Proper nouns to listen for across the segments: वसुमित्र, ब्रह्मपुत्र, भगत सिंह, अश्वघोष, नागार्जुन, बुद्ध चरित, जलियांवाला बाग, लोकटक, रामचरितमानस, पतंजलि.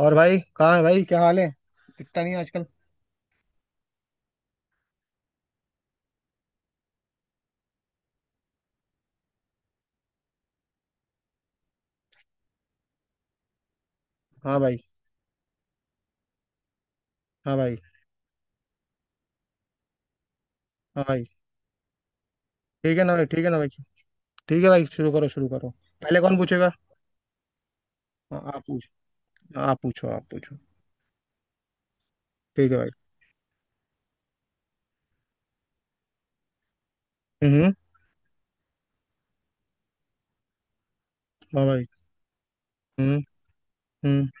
और भाई कहाँ है भाई? क्या हाल है? दिखता नहीं है आजकल। हाँ भाई। हाँ भाई। हाँ भाई। ठीक है ना भाई, ठीक है ना भाई। ठीक है भाई, शुरू करो शुरू करो। पहले कौन पूछेगा? हाँ, आप पूछ। आप पूछो आप पूछो। ठीक है भाई। हम्म, हम्म। हाँ भाई। हम्म। हम्म।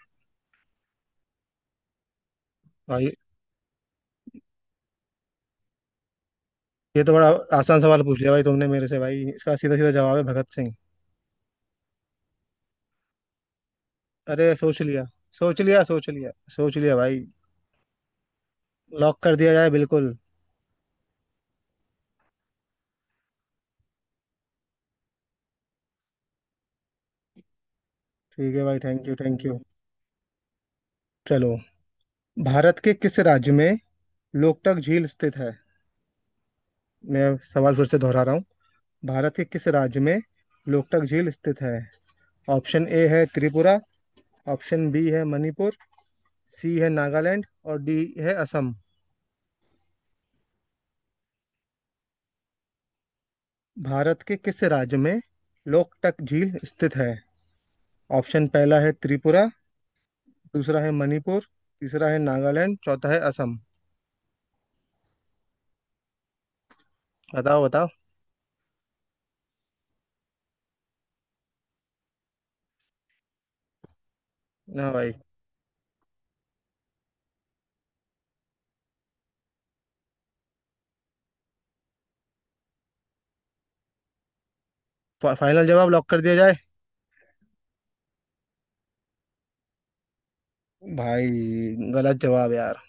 भाई ये तो बड़ा आसान सवाल पूछ लिया भाई तुमने मेरे से भाई, इसका सीधा सीधा जवाब है भगत सिंह। अरे सोच लिया, सोच लिया सोच लिया। सोच लिया भाई। लॉक कर दिया जाए बिल्कुल। ठीक है भाई, थैंक यू थैंक यू। चलो। भारत के किस राज्य में लोकटक झील स्थित है? मैं सवाल फिर से दोहरा रहा हूँ। भारत के किस राज्य में लोकटक झील स्थित है? ऑप्शन ए है त्रिपुरा। ऑप्शन बी है मणिपुर। सी है नागालैंड और डी है असम। भारत के किस राज्य में लोकटक झील स्थित है? ऑप्शन पहला है त्रिपुरा। दूसरा है मणिपुर। तीसरा है नागालैंड, चौथा है असम। बताओ बताओ। ना भाई, फाइनल जवाब लॉक कर दिया जाए। भाई गलत जवाब यार।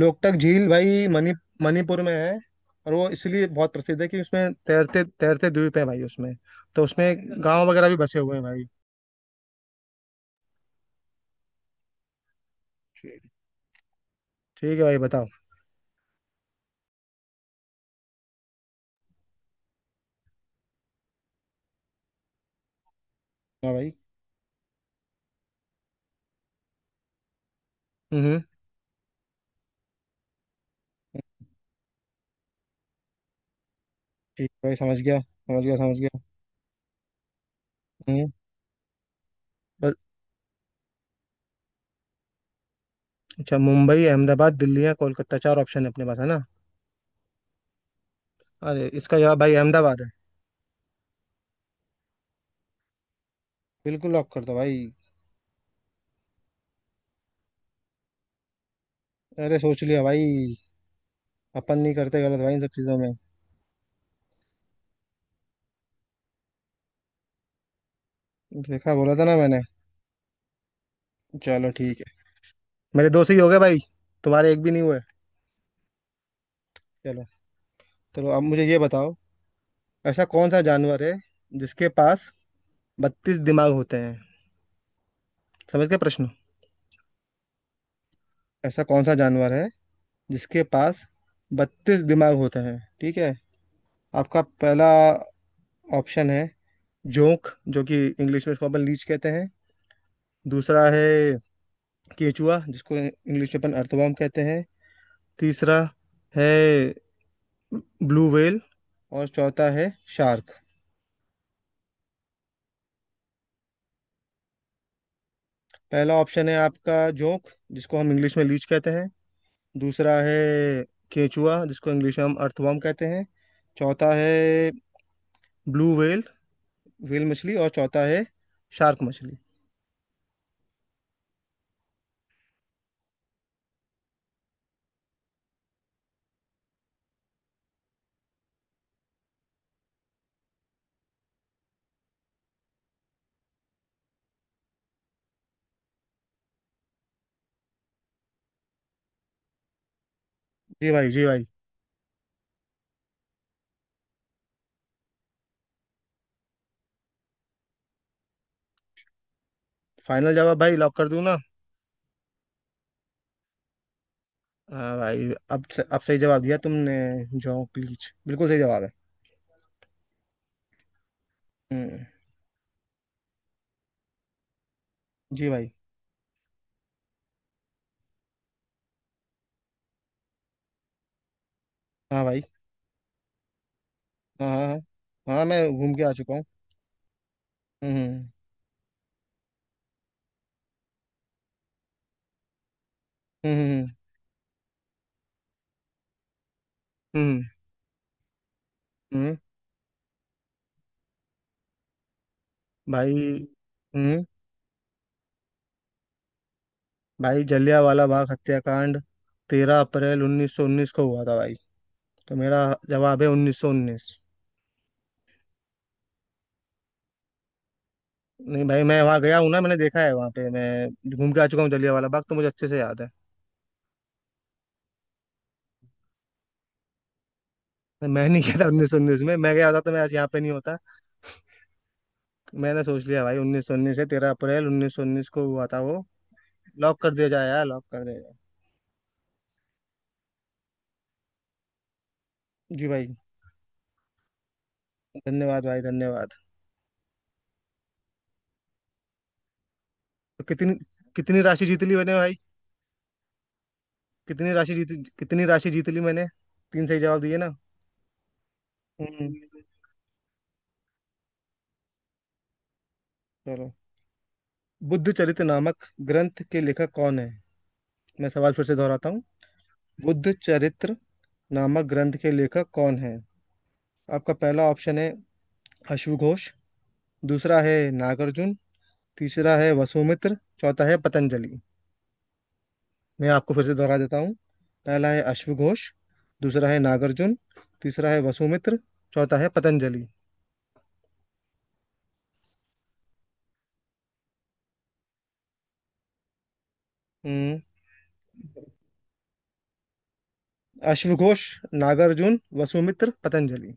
लोकटक झील भाई मणिपुर में है। और वो इसलिए बहुत प्रसिद्ध है कि उसमें तैरते तैरते द्वीप है भाई, उसमें तो उसमें गांव वगैरह भी बसे हुए हैं भाई। ठीक है भाई बताओ। हाँ भाई। हम्म। ठीक है भाई, समझ गया समझ गया समझ गया। हम्म। बस। अच्छा, मुंबई अहमदाबाद दिल्ली या कोलकाता, चार ऑप्शन है अपने पास, है ना? अरे इसका जवाब भाई अहमदाबाद है। बिल्कुल लॉक कर दो भाई। अरे सोच लिया भाई, अपन नहीं करते गलत भाई इन सब चीजों में। देखा, बोला था ना मैंने। चलो ठीक है। मेरे दो से ही हो गए भाई, तुम्हारे एक भी नहीं हुए। चलो। चलो अब मुझे ये बताओ, ऐसा कौन सा जानवर है जिसके पास 32 दिमाग होते हैं? समझ गए प्रश्न? ऐसा कौन सा जानवर है जिसके पास बत्तीस दिमाग होते हैं, ठीक है? आपका पहला ऑप्शन है जोंक, जो कि इंग्लिश में इसको अपन लीच कहते हैं। दूसरा है केचुआ, जिसको इंग्लिश में अपन अर्थवर्म कहते हैं। तीसरा है ब्लू व्हेल और चौथा है शार्क। पहला ऑप्शन है आपका जोंक, जिसको हम इंग्लिश में लीच कहते हैं। दूसरा है केचुआ, जिसको इंग्लिश में हम अर्थवर्म कहते हैं। चौथा है ब्लू व्हेल, व्हेल मछली, और चौथा है शार्क मछली। जी भाई, जी भाई। फाइनल जवाब भाई लॉक कर दूं ना? हाँ भाई, अब सही जवाब दिया तुमने। जॉ क्लीच बिल्कुल सही जवाब है। हम्म। जी भाई। हाँ भाई। हाँ हाँ। हाँ हाँ, मैं घूम के आ चुका हूँ। हम्म। हम्म। हम्म। हम्म। हम्म। भाई। हम्म। भाई जलिया वाला बाग हत्याकांड 13 अप्रैल 1919 को हुआ था भाई। तो मेरा जवाब है 1919। नहीं भाई, मैं वहाँ गया हूँ ना, मैंने देखा है वहाँ पे। मैं घूम के आ चुका हूँ जलियांवाला बाग, तो मुझे अच्छे से याद है। मैं नहीं गया था 1919 में, मैं गया होता तो मैं आज यहाँ पे नहीं होता। मैंने सोच लिया भाई, 1919 है, 13 अप्रैल 1919 को हुआ था वो। लॉक कर दिया जाए यार, लॉक कर दिया जाए। जी भाई, धन्यवाद भाई धन्यवाद। तो कितनी कितनी राशि जीत ली मैंने भाई? कितनी राशि जीत ली मैंने? तीन सही जवाब दिए ना? हम्म। चलो। बुद्ध चरित नामक ग्रंथ के लेखक कौन है? मैं सवाल फिर से दोहराता हूँ। बुद्ध चरित्र नामक ग्रंथ के लेखक कौन है? आपका पहला ऑप्शन है अश्वघोष। दूसरा है नागार्जुन। तीसरा है वसुमित्र, चौथा है पतंजलि। मैं आपको फिर से दोहरा देता हूँ। पहला है अश्वघोष। दूसरा है नागार्जुन। तीसरा है वसुमित्र। चौथा है पतंजलि। हम्म। अश्वघोष, नागार्जुन, वसुमित्र, पतंजलि।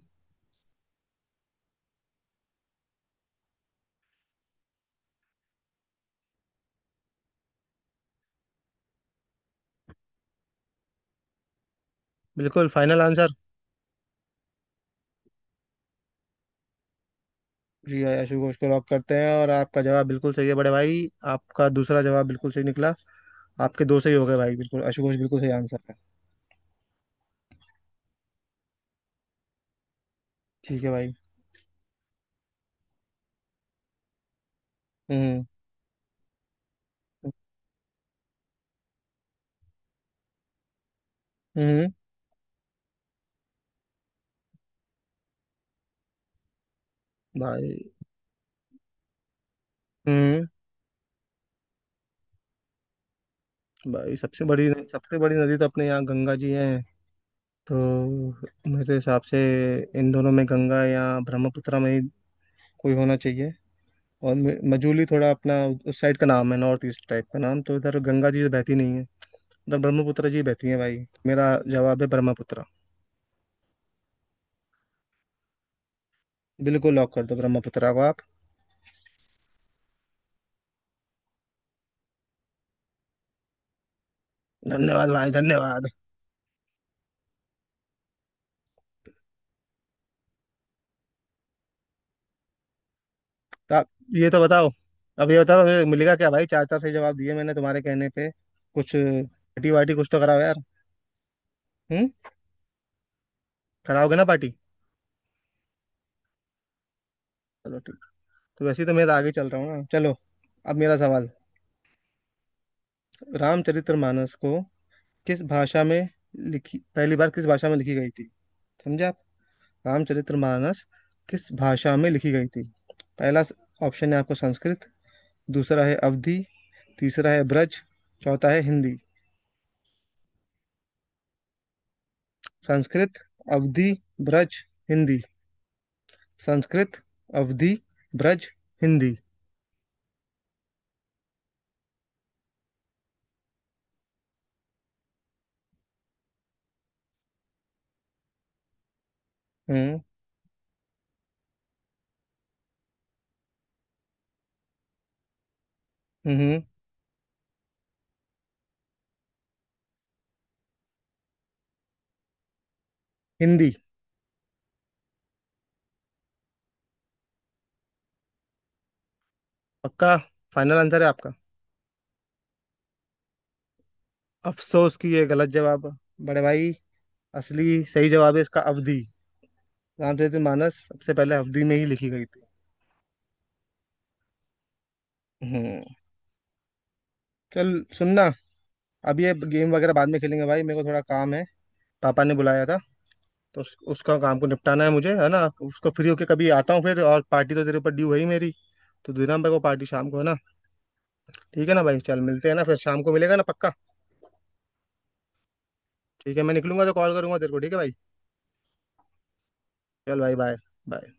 बिल्कुल फाइनल आंसर। जी, आयाशु घोष को लॉक करते हैं और आपका जवाब बिल्कुल सही है बड़े भाई। आपका दूसरा जवाब बिल्कुल सही निकला। आपके दो सही हो गए भाई, बिल्कुल आशु घोष बिल्कुल सही आंसर है। ठीक है भाई। हम्म। हम्म। भाई। हम्म। भाई, सबसे बड़ी नदी तो अपने यहाँ गंगा जी है, तो मेरे हिसाब से इन दोनों में गंगा या ब्रह्मपुत्र में ही कोई होना चाहिए। और मजूली थोड़ा अपना उस साइड का नाम है, नॉर्थ ईस्ट टाइप का नाम, तो इधर गंगा जी तो बहती नहीं है, उधर ब्रह्मपुत्र जी बहती है भाई। मेरा जवाब है ब्रह्मपुत्र। बिल्कुल लॉक कर दो ब्रह्मपुत्रा को आप। धन्यवाद भाई धन्यवाद। तो आप ये तो बताओ, अब ये बताओ ये मिलेगा क्या भाई? चार चार सही जवाब दिए मैंने तुम्हारे कहने पे, कुछ पार्टी वार्टी कुछ तो कराओ यार। हम्म। कराओगे ना पार्टी? चलो ठीक। तो वैसे ही तो मैं तो आगे चल रहा हूँ ना, चलो। अब मेरा सवाल। रामचरितमानस को किस भाषा में लिखी, पहली बार किस भाषा में लिखी गई थी? समझे आप? रामचरितमानस किस भाषा में लिखी गई थी? पहला ऑप्शन है आपको संस्कृत। दूसरा है अवधी। तीसरा है ब्रज। चौथा है हिंदी। संस्कृत, अवधि, ब्रज, हिंदी। संस्कृत, अवधि, ब्रज, हिंदी। हम्म। हम्म। हिंदी। पक्का? फाइनल आंसर है आपका? अफसोस कि ये गलत जवाब है। बड़े भाई, असली सही जवाब है इसका अवधि। रामचरित मानस सबसे पहले अवधि में ही लिखी गई थी। हम्म। चल सुनना, अब ये गेम वगैरह बाद में खेलेंगे भाई, मेरे को थोड़ा काम है, पापा ने बुलाया था। तो उसका काम को निपटाना है मुझे, है ना? उसको फ्री होके कभी आता हूँ फिर, और पार्टी तो तेरे ऊपर ड्यू है ही मेरी, तो देना मेरे को पार्टी शाम को, है ना? ठीक है ना भाई, चल मिलते हैं ना फिर, शाम को मिलेगा ना पक्का? ठीक है मैं निकलूंगा तो कॉल करूंगा तेरे को, ठीक है भाई। चल भाई बाय। बाय।